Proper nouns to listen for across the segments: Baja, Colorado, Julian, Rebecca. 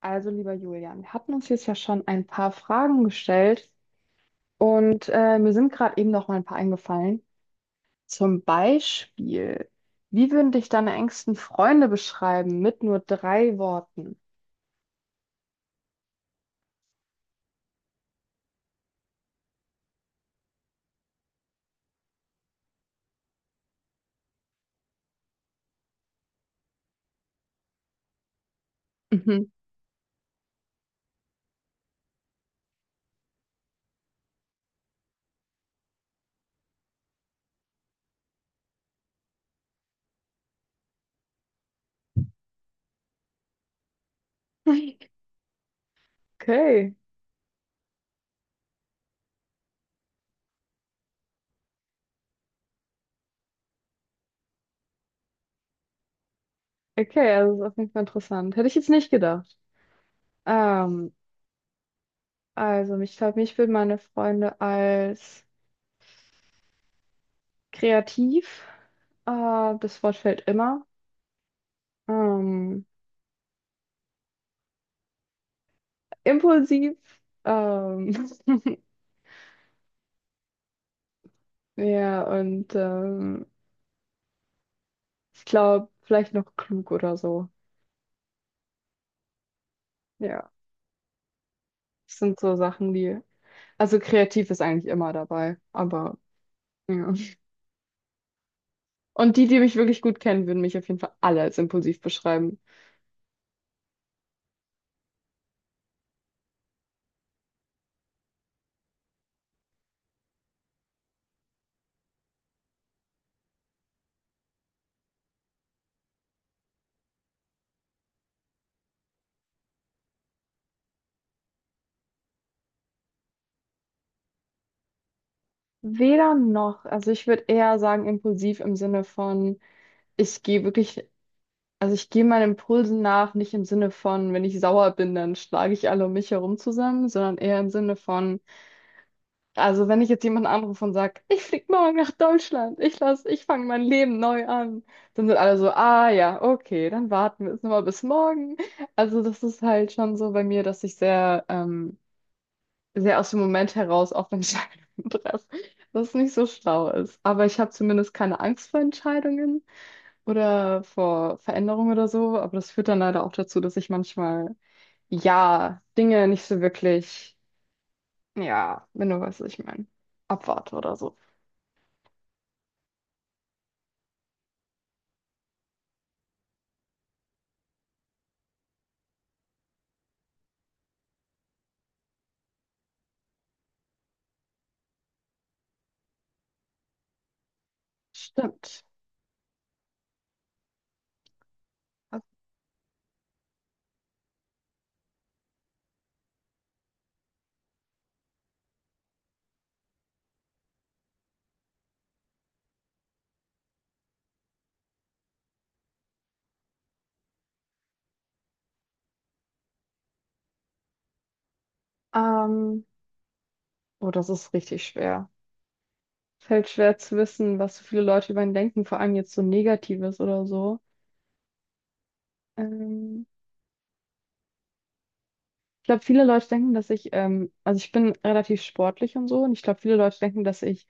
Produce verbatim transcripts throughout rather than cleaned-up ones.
Also, lieber Julian, wir hatten uns jetzt ja schon ein paar Fragen gestellt und äh, mir sind gerade eben noch mal ein paar eingefallen. Zum Beispiel, wie würden dich deine engsten Freunde beschreiben mit nur drei Worten? Mhm. Okay, okay, also das ist auf jeden Fall interessant. Hätte ich jetzt nicht gedacht. Ähm, also, ich glaube, mich würden meine Freunde als kreativ, äh, das Wort fällt immer, ähm, impulsiv, ähm, Ja, und ähm, ich glaube, vielleicht noch klug oder so. Ja, das sind so Sachen, die. Also kreativ ist eigentlich immer dabei, aber ja. Und die, die mich wirklich gut kennen, würden mich auf jeden Fall alle als impulsiv beschreiben. Weder noch. Also ich würde eher sagen, impulsiv im Sinne von, ich gehe wirklich, also ich gehe meinen Impulsen nach, nicht im Sinne von, wenn ich sauer bin, dann schlage ich alle um mich herum zusammen, sondern eher im Sinne von, also wenn ich jetzt jemanden anrufe und sage, ich flieg morgen nach Deutschland, ich lass, ich fange mein Leben neu an, dann sind alle so, ah ja, okay, dann warten wir jetzt nochmal bis morgen. Also das ist halt schon so bei mir, dass ich sehr, ähm, sehr aus dem Moment heraus auf Entscheidungen treffe, was nicht so schlau ist. Aber ich habe zumindest keine Angst vor Entscheidungen oder vor Veränderungen oder so. Aber das führt dann leider auch dazu, dass ich manchmal, ja, Dinge nicht so wirklich, ja, wenn du weißt, was ich meine, abwarte oder so. Stimmt. Ähm, oh, das ist richtig schwer. Fällt schwer zu wissen, was so viele Leute über ihn denken, vor allem jetzt so Negatives oder so. Ähm, ich glaube, viele Leute denken, dass ich, ähm, also ich bin relativ sportlich und so, und ich glaube, viele Leute denken, dass ich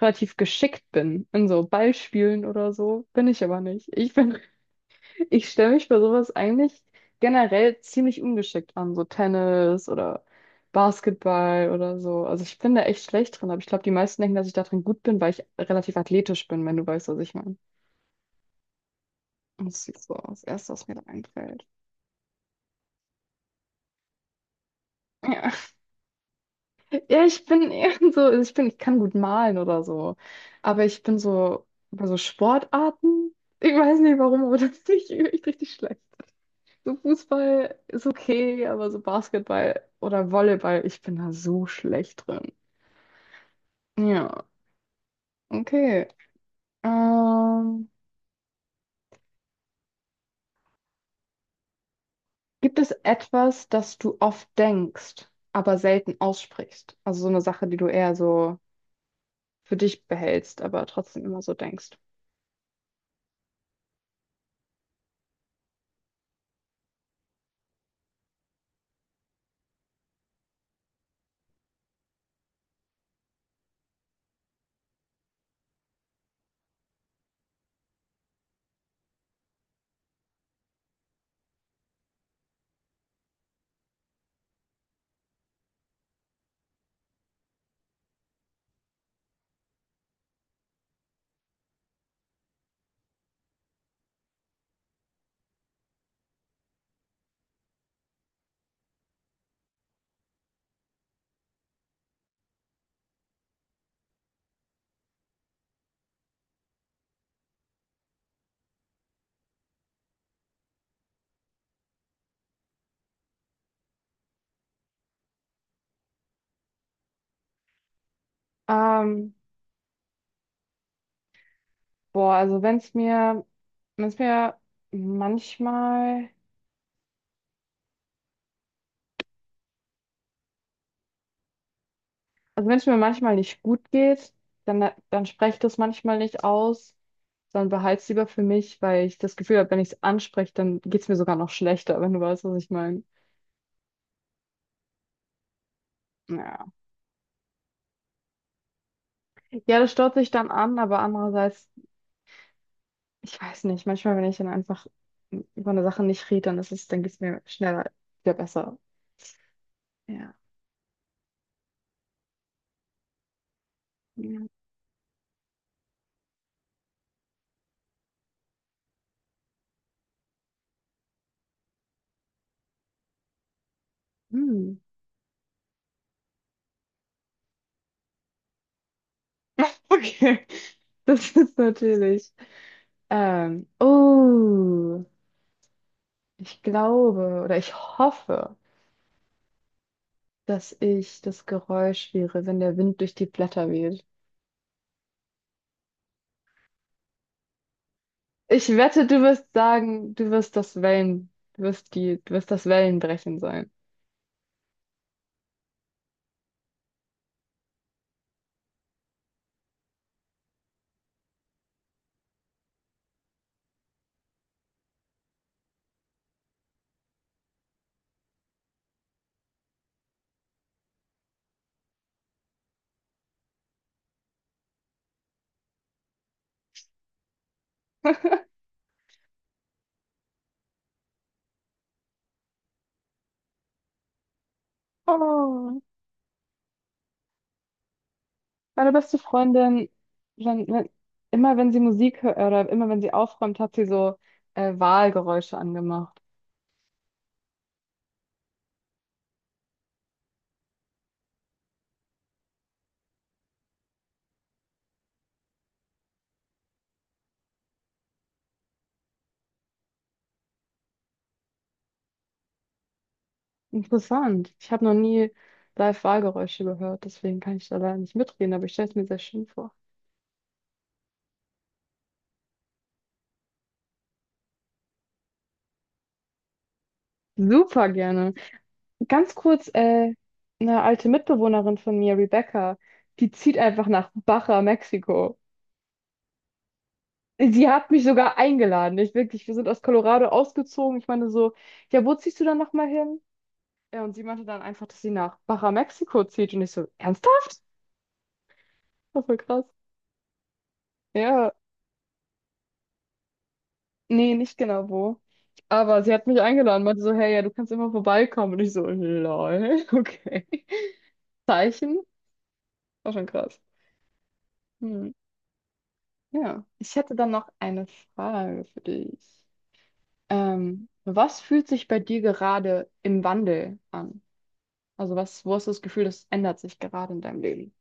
relativ geschickt bin in so Ballspielen oder so. Bin ich aber nicht. Ich bin ich stelle mich bei sowas eigentlich generell ziemlich ungeschickt an, so Tennis oder Basketball oder so. Also ich bin da echt schlecht drin, aber ich glaube, die meisten denken, dass ich da drin gut bin, weil ich relativ athletisch bin, wenn du weißt, was ich meine. Und das ist so das Erste, was mir da einfällt. Ja, ja, ich bin eher so, also ich bin, ich kann gut malen oder so, aber ich bin so bei so Sportarten, ich weiß nicht warum, aber das bin ich echt richtig schlecht. So Fußball ist okay, aber so Basketball oder Volleyball, ich bin da so schlecht drin. Ja, okay. Ähm, gibt es etwas, das du oft denkst, aber selten aussprichst? Also so eine Sache, die du eher so für dich behältst, aber trotzdem immer so denkst. Ähm, boah, also wenn es mir, wenn es mir manchmal. Also wenn es mir manchmal nicht gut geht, dann, dann spreche ich das manchmal nicht aus, sondern behalte es lieber für mich, weil ich das Gefühl habe, wenn ich es anspreche, dann geht es mir sogar noch schlechter, wenn du weißt, was ich meine. Ja. Ja, das staut sich dann an, aber andererseits, ich weiß nicht, manchmal, wenn ich dann einfach über eine Sache nicht rede, dann ist es, dann geht es mir schneller wieder besser. Ja. Ja. Hm. Okay. Das ist natürlich. Ähm, oh, ich glaube oder ich hoffe, dass ich das Geräusch wäre, wenn der Wind durch die Blätter weht. Ich wette, du wirst sagen, du wirst das Wellen, du wirst die, du wirst das Wellenbrechen sein. Oh, meine beste Freundin, wenn, wenn, immer wenn sie Musik hört oder immer wenn sie aufräumt, hat sie so äh, Wahlgeräusche angemacht. Interessant. Ich habe noch nie live Wahlgeräusche gehört, deswegen kann ich da leider nicht mitreden, aber ich stelle es mir sehr schön vor. Super gerne. Ganz kurz, äh, eine alte Mitbewohnerin von mir, Rebecca, die zieht einfach nach Baja, Mexiko. Sie hat mich sogar eingeladen. Ich wirklich, wir sind aus Colorado ausgezogen. Ich meine so, ja, wo ziehst du dann nochmal hin? Ja, und sie meinte dann einfach, dass sie nach Baja, Mexiko zieht. Und ich so, ernsthaft? Das war voll krass. Ja, nee, nicht genau wo. Aber sie hat mich eingeladen, meinte so, hey, ja, du kannst immer vorbeikommen. Und ich so, lol, okay. Zeichen? War schon krass. Hm. Ja, ich hätte dann noch eine Frage für dich. Ähm, was fühlt sich bei dir gerade im Wandel an? Also was, wo hast du das Gefühl, das ändert sich gerade in deinem Leben?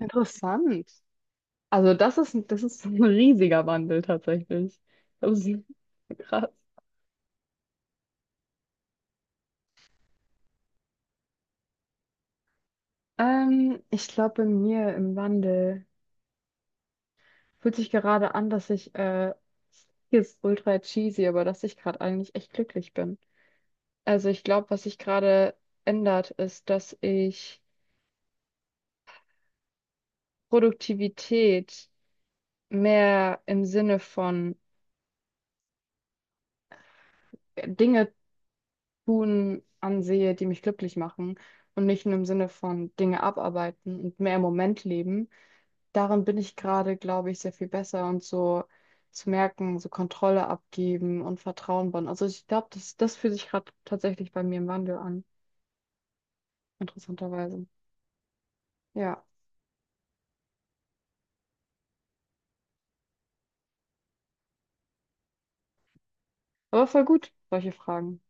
Interessant. Also das ist, das ist ein riesiger Wandel tatsächlich. Das ist krass. Ähm, ich glaube, bei mir im Wandel fühlt sich gerade an, dass ich, äh, hier ist ultra cheesy, aber dass ich gerade eigentlich echt glücklich bin. Also ich glaube, was sich gerade ändert, ist, dass ich Produktivität mehr im Sinne von Dinge tun ansehe, die mich glücklich machen und nicht nur im Sinne von Dinge abarbeiten und mehr im Moment leben. Darin bin ich gerade, glaube ich, sehr viel besser und so zu merken, so Kontrolle abgeben und Vertrauen bauen. Also ich glaube, das, das fühlt sich gerade tatsächlich bei mir im Wandel an, interessanterweise. Ja, aber voll gut, solche Fragen.